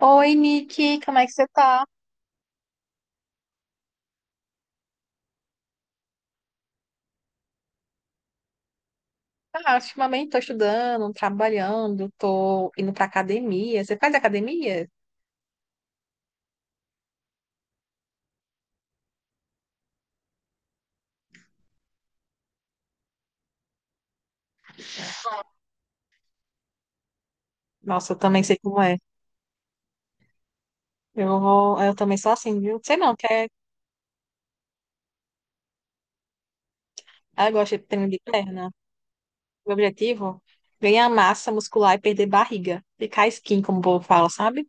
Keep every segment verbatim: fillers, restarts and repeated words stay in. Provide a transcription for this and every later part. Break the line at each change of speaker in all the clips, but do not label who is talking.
Oi, Nick, como é que você tá? Ah, ultimamente tô estudando, trabalhando, tô indo pra academia. Você faz academia? Nossa, eu também sei como é. Eu vou, eu também sou assim, viu? Sei não, quer? Ah, eu gosto de treino de perna. Meu objetivo, ganhar massa muscular e perder barriga. Ficar skin como o povo fala, sabe?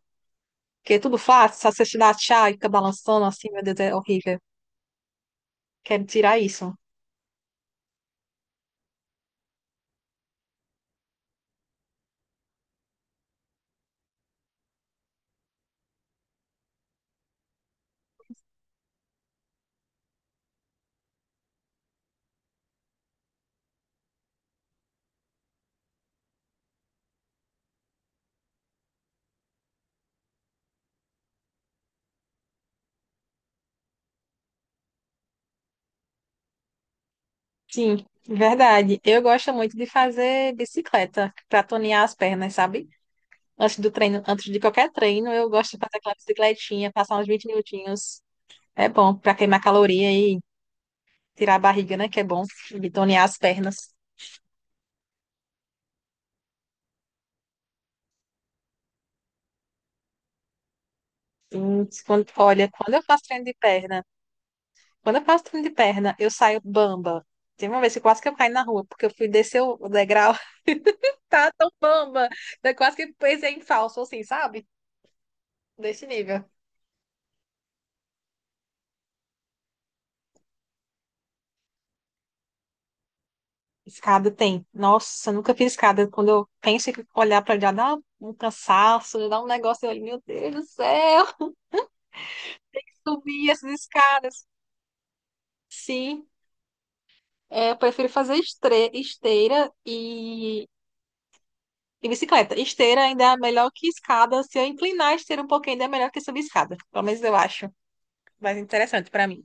Porque é tudo fácil, só você te dá chá e fica balançando assim, meu Deus, é horrível. Quero tirar isso. Sim, verdade. Eu gosto muito de fazer bicicleta pra tonear as pernas, sabe? Antes do treino, antes de qualquer treino, eu gosto de fazer aquela bicicletinha, passar uns vinte minutinhos. É bom para queimar caloria e tirar a barriga, né? Que é bom e tonear as pernas. Hum, quando- Olha, quando eu faço treino de perna, quando eu faço treino de perna, eu saio bamba. Teve uma vez que quase que eu caí na rua, porque eu fui descer o o degrau, tá tão bamba. Eu quase que pensei em falso, assim, sabe? Desse nível. Escada tem. Nossa, eu nunca fiz escada. Quando eu penso em olhar para já dá um cansaço, dá um negócio ali, meu Deus do céu, subir essas escadas. Sim, é, eu prefiro fazer estre- esteira e, e bicicleta. Esteira ainda é melhor que escada. Se eu inclinar a esteira um pouquinho, ainda é melhor que subir escada. Pelo menos eu acho mais interessante para mim.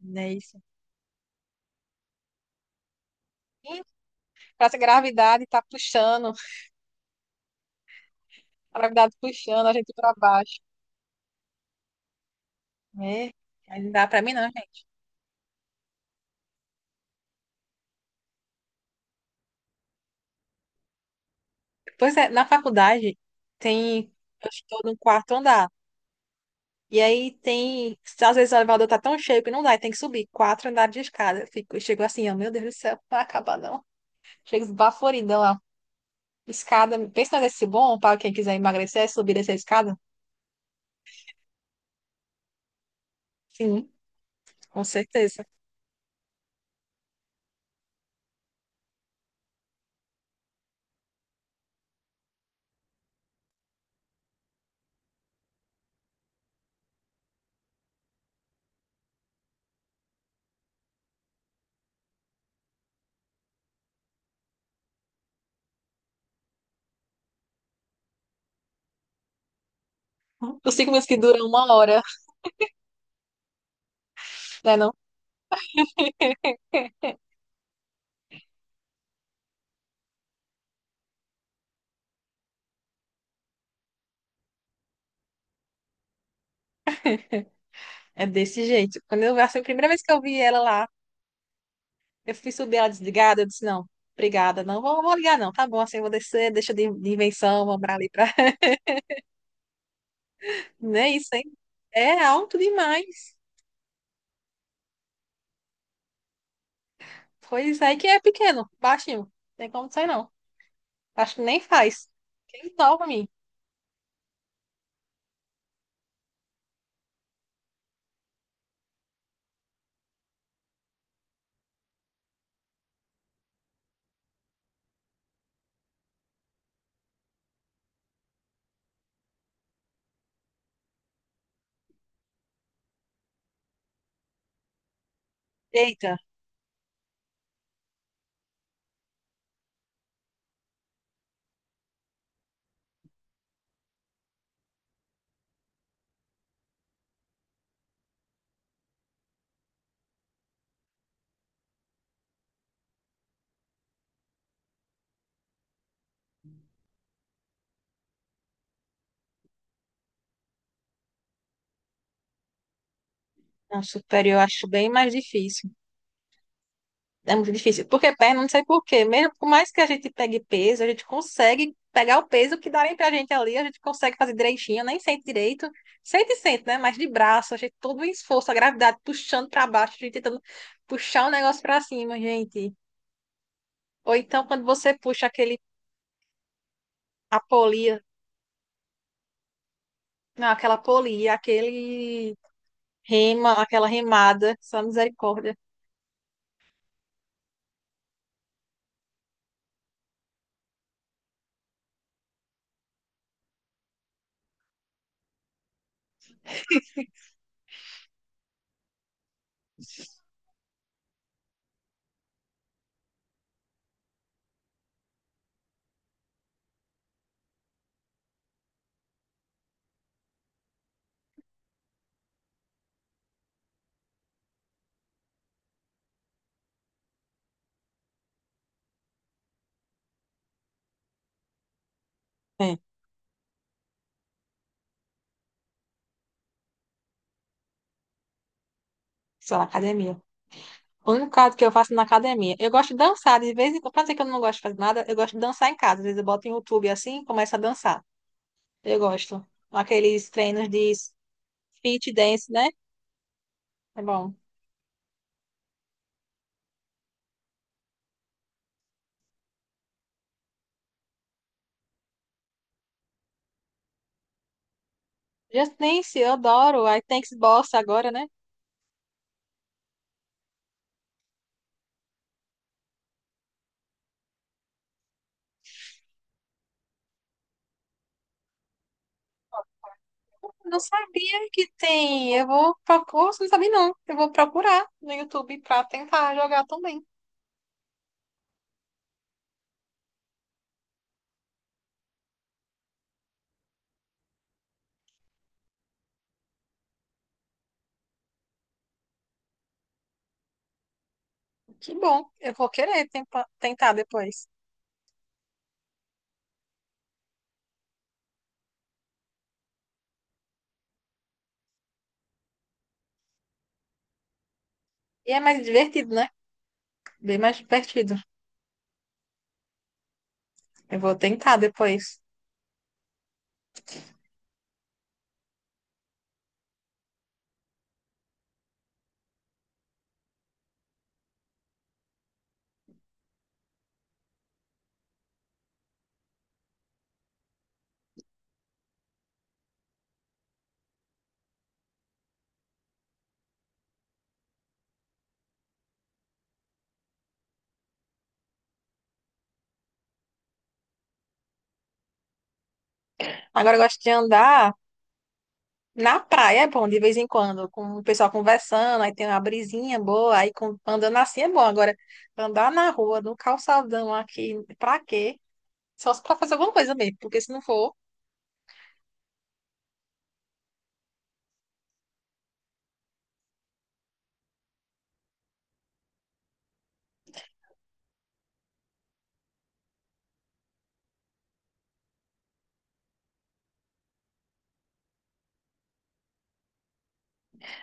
Não é isso? Sim, parece a gravidade tá puxando, a gravidade puxando a gente para baixo. É, aí não dá para mim não. Pois é, na faculdade tem. Eu estou no quarto andar. E aí tem. Se Às vezes o elevador tá tão cheio que não dá, e tem que subir quatro andares de escada. Eu fico, eu chego assim, ó, meu Deus do céu, não vai acabar não. Chego esbaforida lá. Escada, pensa nesse bom para quem quiser emagrecer, é subir essa escada? Sim, com certeza. Os cinco minutos que duram uma hora, né, não? É desse jeito. Quando eu, assim, a primeira vez que eu vi ela lá, eu fui subir ela desligada, eu disse, não, obrigada, não vou, vou ligar não, tá bom, assim, eu vou descer, deixa de, de invenção, vou pra ali pra. Né, isso aí é alto demais. Pois aí que é pequeno, baixinho. Não tem como sair, não. Acho que nem faz. Quem topa mim? Eita, não, superior eu acho bem mais difícil. É muito difícil. Porque perna, não sei por quê. Mesmo por mais que a gente pegue peso, a gente consegue pegar o peso que darem pra gente ali, a gente consegue fazer direitinho, nem sente direito. Sente, sente, né? Mas de braço, a gente todo o esforço, a gravidade puxando pra baixo, a gente tentando puxar o negócio pra cima, gente. Ou então quando você puxa aquele. A polia, não, aquela polia, aquele rema, aquela remada, só misericórdia. É, só na academia. O único caso que eu faço na academia. Eu gosto de dançar, de vez em quando. Pra dizer que eu não gosto de fazer nada, eu gosto de dançar em casa. Às vezes eu boto em YouTube assim e começo a dançar. Eu gosto. Aqueles treinos de fit dance, né? É bom. Just Dance, eu adoro. I Thanks Bossa agora, né? Não sabia que tem. Eu vou procurar. Não sabia, não. Eu vou procurar no YouTube pra tentar jogar também. Que bom, eu vou querer tempa- tentar depois. E é mais divertido, né? Bem mais divertido. Eu vou tentar depois. Agora eu gosto de andar na praia, é bom, de vez em quando, com o pessoal conversando, aí tem uma brisinha boa, aí com- andando assim é bom. Agora, andar na rua, no calçadão aqui, pra quê? Só se pra fazer alguma coisa mesmo, porque se não for,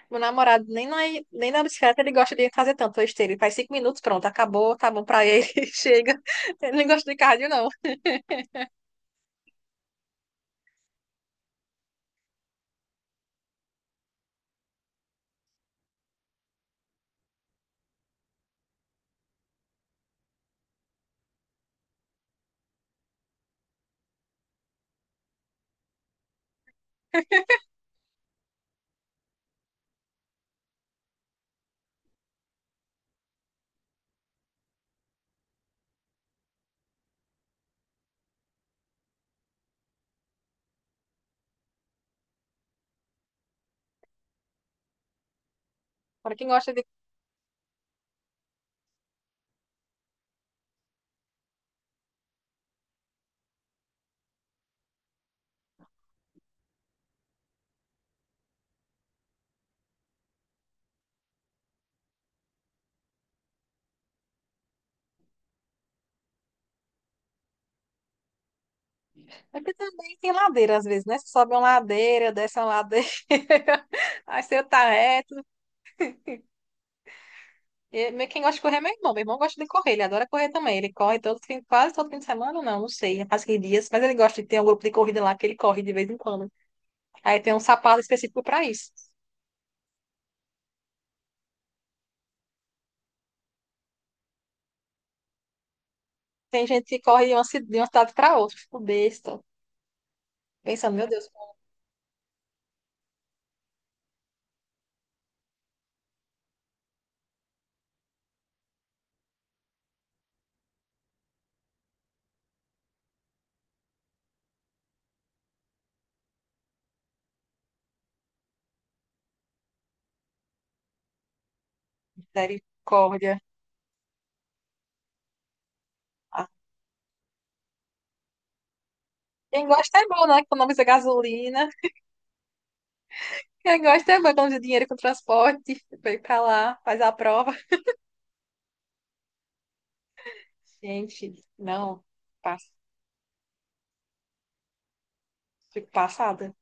meu namorado nem na, nem na bicicleta ele gosta de fazer tanto esteira. Ele faz cinco minutos, pronto, acabou, tá bom pra ele, chega. Ele não gosta de cardio, não. Para quem gosta de. É que também tem ladeira às vezes, né? Você sobe uma ladeira, desce uma ladeira, aí você tá reto. E me- quem gosta de correr é meu irmão. Meu irmão gosta de correr, ele adora correr também. Ele corre todo fim, quase todo fim de semana, não, não sei, faz que dias, mas ele gosta de ter um grupo de corrida lá que ele corre de vez em quando. Aí tem um sapato específico para isso. Tem gente que corre de uma ci- de uma cidade para outra, fico besta, pensando, meu Deus, misericórdia. Ah, quem gosta é bom, né? Que economiza gasolina. Quem gosta é bom, economiza dinheiro com transporte. Veio pra lá, faz a prova. Gente, não, pass- fico passada.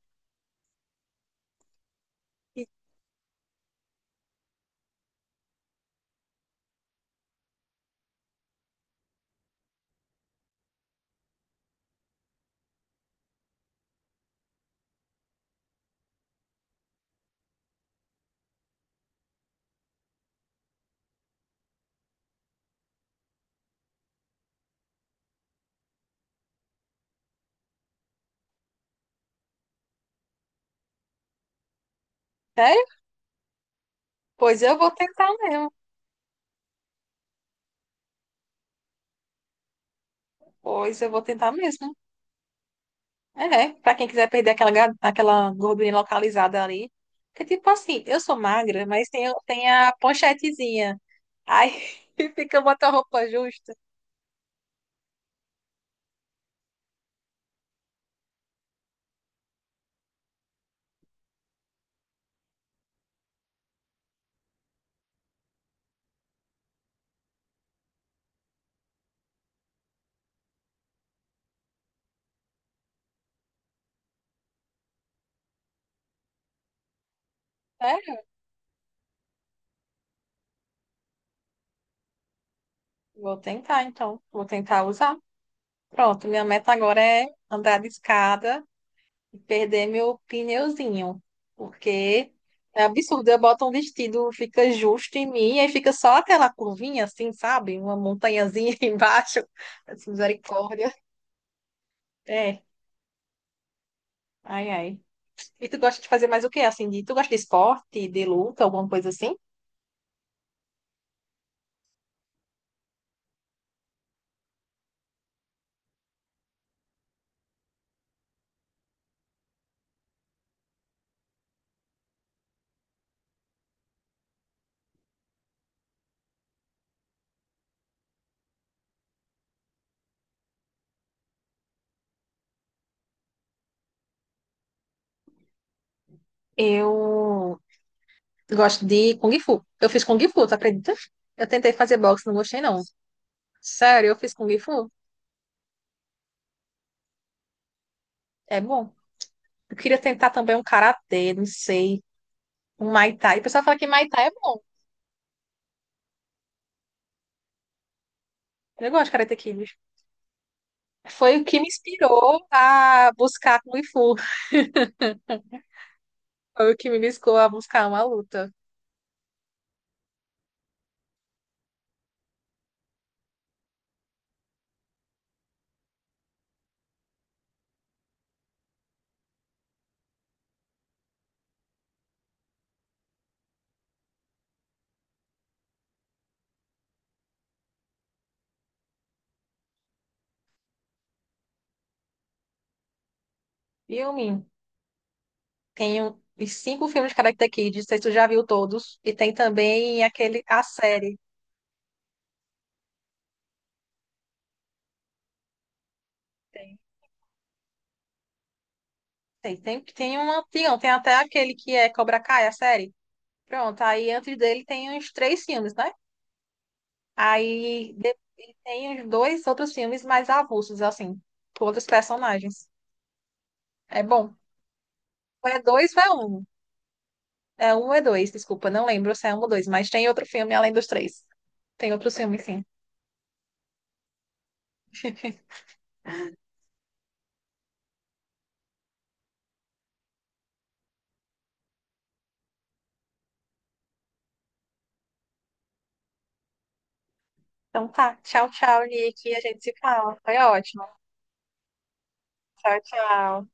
E- Sério? Pois eu vou tentar mesmo. Pois eu vou tentar mesmo. É, né, pra quem quiser perder aquela, ga- aquela gordurinha localizada ali. Porque, tipo assim, eu sou magra, mas tem, tem a ponchetezinha. Aí fica botar roupa justa. Sério? Vou tentar, então. Vou tentar usar. Pronto, minha meta agora é andar de escada e perder meu pneuzinho, porque é absurdo. Eu boto um vestido, fica justo em mim, e aí fica só aquela curvinha assim, sabe? Uma montanhazinha embaixo, assim, misericórdia. É, ai, ai. E tu gosta de fazer mais o quê? Assim, de, tu gosta de esporte, de luta, alguma coisa assim? Eu gosto de Kung Fu. Eu fiz Kung Fu, tu acredita? Eu tentei fazer boxe, não gostei não. Sério, eu fiz Kung Fu? É bom. Eu queria tentar também um karatê, não sei. Um Muay Thai. O pessoal fala que Muay Thai é bom. Eu gosto de Karate Kid. Foi o que me inspirou a buscar Kung Fu. Foi o que me buscou a buscar uma luta. Filme. Tenho os cinco filmes de Karate Kid. Não sei se tu já viu todos. E tem também aquele, a série. Tem, tem, tem, tem uma, tem, tem até aquele que é Cobra Kai, a série. Pronto, aí antes dele tem os três filmes, né? Aí de- e tem os dois outros filmes mais avulsos, assim, com outros personagens. É bom. Ou é dois ou é um. É um ou é dois, desculpa, não lembro se é um ou dois, mas tem outro filme além dos três. Tem outro filme, sim. Então tá. Tchau, tchau, Nick. A gente se fala. Foi ótimo. Tchau, tchau.